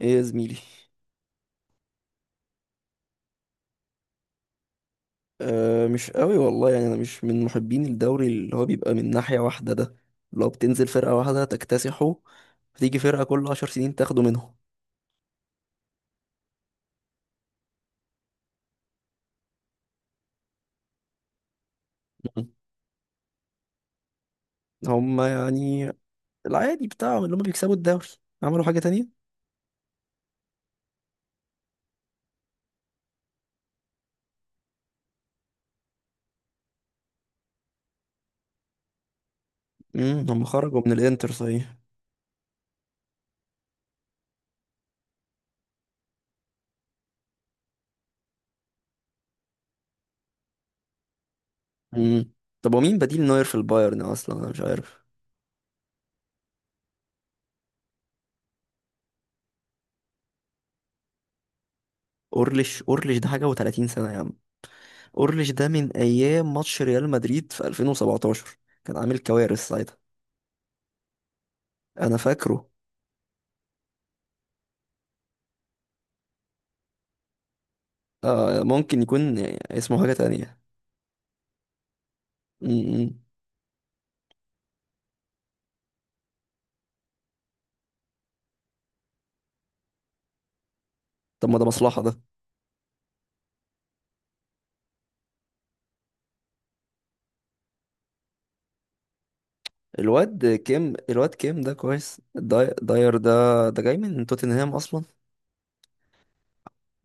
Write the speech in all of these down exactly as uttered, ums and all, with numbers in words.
ايه يا زميلي؟ أه، مش قوي والله، يعني انا مش من محبين الدوري اللي هو بيبقى من ناحية واحدة ده. لو بتنزل فرقة واحدة تكتسحه، فتيجي فرقة كل عشر سنين تاخده منهم. مم. هما، يعني، العادي بتاعهم اللي هما بيكسبوا الدوري، عملوا حاجة تانية. امم هما خرجوا من الانتر، صحيح. امم طب، ومين بديل نوير في البايرن اصلا؟ انا مش عارف. اورليش اورليش ده حاجة و30 سنة يا عم. اورليش ده من ايام ماتش ريال مدريد في ألفين وسبعتاشر. كان عامل كوارث ساعتها. انا فاكره. آه، ممكن يكون اسمه حاجة تانية. م- م. طب، ما ده مصلحة ده. الواد كيم الواد كيم ده كويس، داي... داير ده. ده جاي من توتنهام أصلا.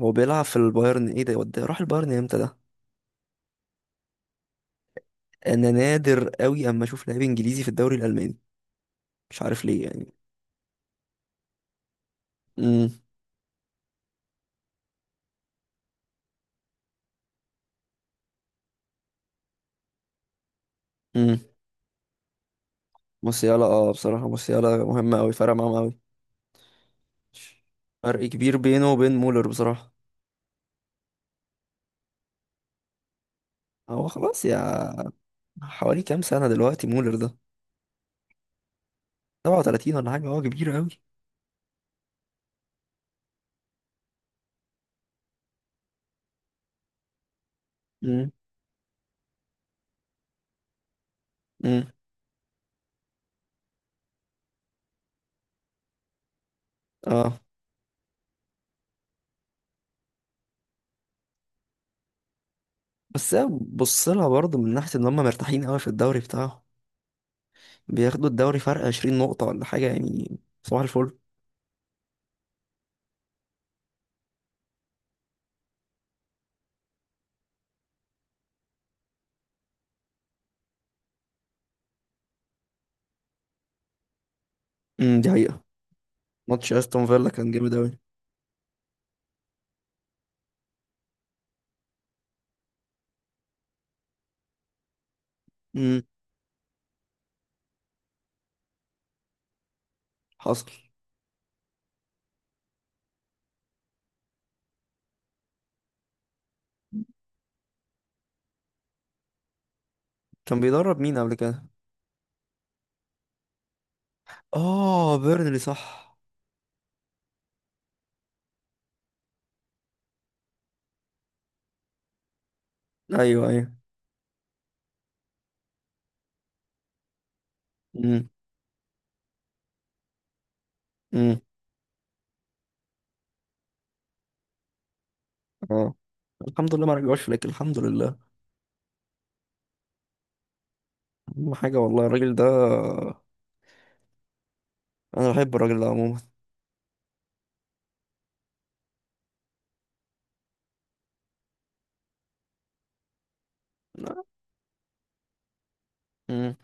هو بيلعب في البايرن؟ ايه ده؟ يود- راح البايرن امتى ده؟ أنا نادر قوي أما أشوف لاعب إنجليزي في الدوري الألماني. مش عارف ليه يعني. امم امم موسيالا، اه، بصراحة موسيالا مهم أوي، فرق معاهم أوي. فرق كبير بينه وبين مولر بصراحة. هو خلاص يا. حوالي كام سنة دلوقتي مولر ده؟ سبعة وثلاثين ولا حاجة، هو كبير أوي. امم اه، بس بص لها برضه من ناحية ان هم مرتاحين قوي في الدوري بتاعهم، بياخدوا الدوري فرق عشرين نقطة ولا حاجة يعني، صباح الفل. امم دي حقيقة. ماتش استون فيلا كان جامد قوي. امم حصل. كان بيدرب مين قبل كده؟ اه، بيرنلي، صح. ايوه، ايوه. امم امم اه، الحمد لله ما رجعوش فليك، الحمد لله. اهم حاجة والله الراجل ده. انا بحب الراجل ده عموما. امم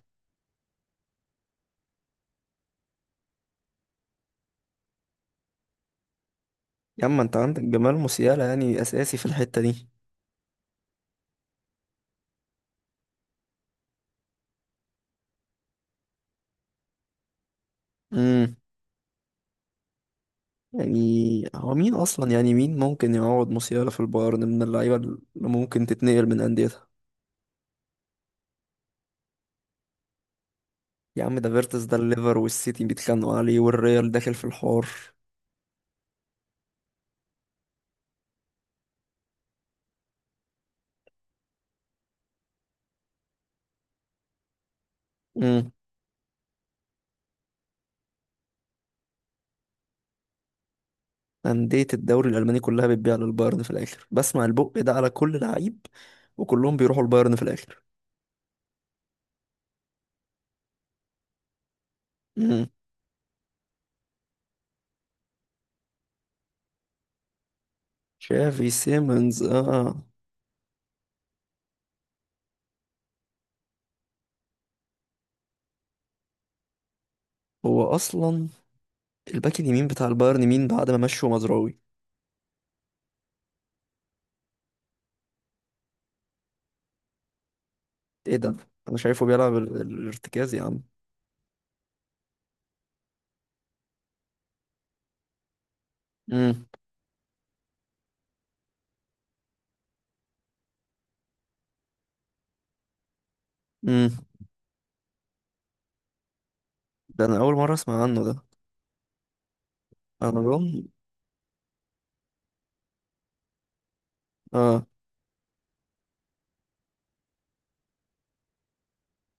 يا اما انت عندك جمال موسيالا يعني اساسي في الحتة دي. يعني هو مين اصلا؟ يعني مين ممكن يعوض موسيالا في البايرن من اللعيبه اللي ممكن تتنقل من انديتها؟ يا عم ده فيرتس، ده الليفر والسيتي بيتخانقوا عليه، والريال داخل في الحوار. امم انديه الدوري الالماني كلها بتبيع للبايرن في الاخر، بسمع البق ده على كل لعيب، وكلهم بيروحوا البايرن في الاخر. امم شافي سيمنز، اه. هو اصلا الباك اليمين بتاع البايرن مين بعد ما مشوا مزراوي؟ ايه ده؟ انا شايفه بيلعب ال- ال- الارتكاز يا عم. امم امم ده انا اول مره اسمع عنه ده. انا اظن اه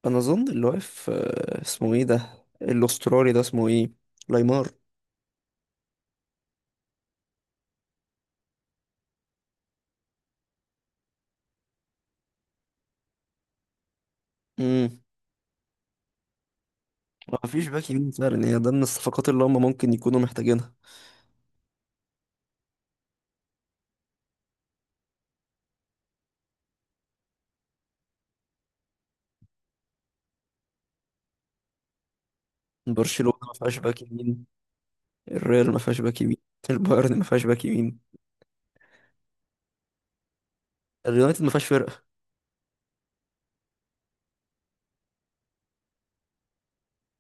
انا اظن اللي واقف، آه، اسمه ايه ده الاسترالي ده؟ اسمه ايه؟ لايمار. امم مفيش باك يمين فعلا، هي ده من الصفقات اللي هم ممكن يكونوا محتاجينها. برشلونة ما فيهاش باك يمين. الريال ما فيهاش باك يمين. البايرن ما فيهاش باك يمين. اليونايتد ما فيهاش فرقة.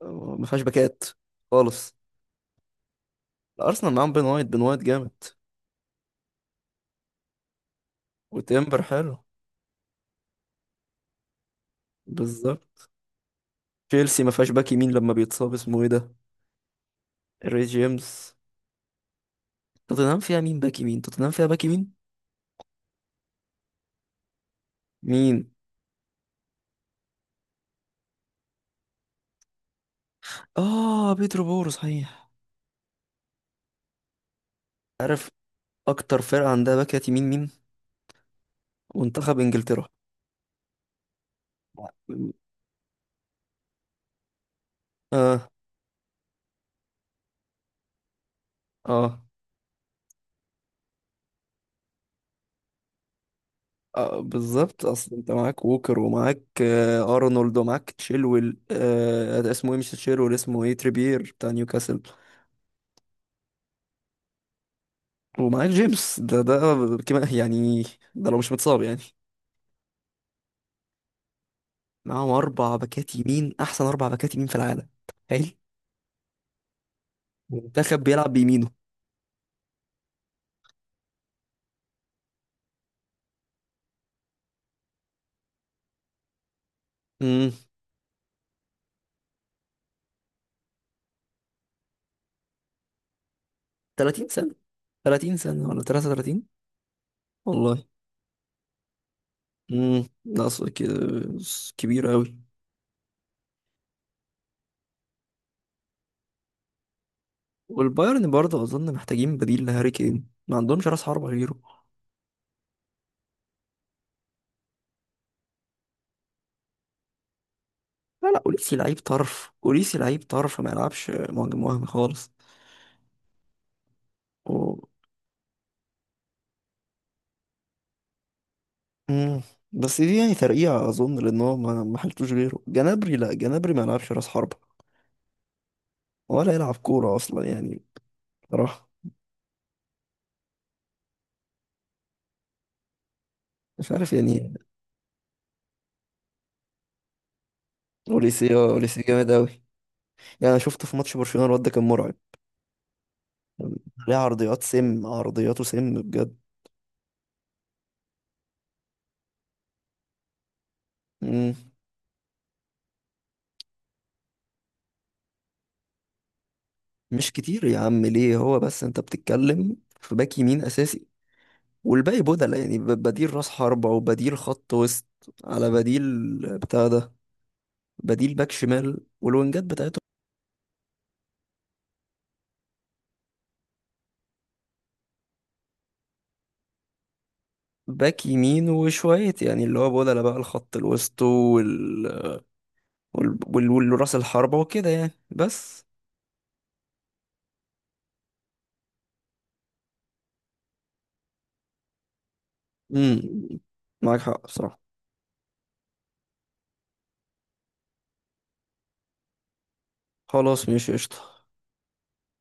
آه، ما فيهاش باكات خالص. الارسنال معاهم بين وايت، بين وايت جامد. وتمبر حلو. بالظبط. تشيلسي ما فيهاش باك يمين لما بيتصاب، اسمه ايه ده؟ الري جيمس. توتنهام فيها مين باك يمين؟ توتنهام فيها باك يمين. مين؟ اه، بيترو بورو، صحيح. عارف، اكتر فرقة عندها باكات يمين مين؟ منتخب انجلترا. اه، اه، آه، بالظبط. اصل انت معاك ووكر، ومعاك آه ارنولد، ومعاك تشيلويل، آه اسمه ايه؟ مش تشيلويل، اسمه ايه؟ تريبير بتاع نيوكاسل. ومعاك جيمس، ده ده كمان يعني، ده لو مش متصاب يعني. معاهم اربع باكات يمين، احسن اربع باكات يمين في العالم. تخيل، منتخب بيلعب بيمينه. امم تلاتين سنة. تلاتين سنة ولا تلاتة وتلاتين؟ والله. امم نقص ك- كبير قوي. والبايرن برضه اظن محتاجين بديل لهاري كين، ما عندهمش راس حربة غيره. لا، لا، اوليسي لعيب طرف، اوليسي لعيب طرف، ما يلعبش مهاجم وهمي خالص. و... مم. بس دي يعني ترقيعة اظن، لان هو ما ما حلتوش غيره. جنابري؟ لا، جنابري ما يلعبش راس حربة ولا يلعب كورة اصلا يعني، بصراحة. مش عارف يعني. اوليسي اه اوليسي جامد قوي، يعني انا شفته في ماتش برشلونة، الواد ده كان مرعب. ليه؟ عرضيات سم، عرضياته سم بجد. مم. مش كتير يا عم، ليه؟ هو بس انت بتتكلم في باك يمين اساسي، والباقي بدل يعني، ب- بديل راس حربة وبديل خط وسط، على بديل بتاع ده، بديل باك شمال والوينجات بتاعته. باك يمين وشوية يعني، اللي هو بدل بقى الخط الوسط، وال... وال... وال... والراس الحربة وكده يعني بس. امم معاك حق بصراحة. خلاص ماشي قشطة.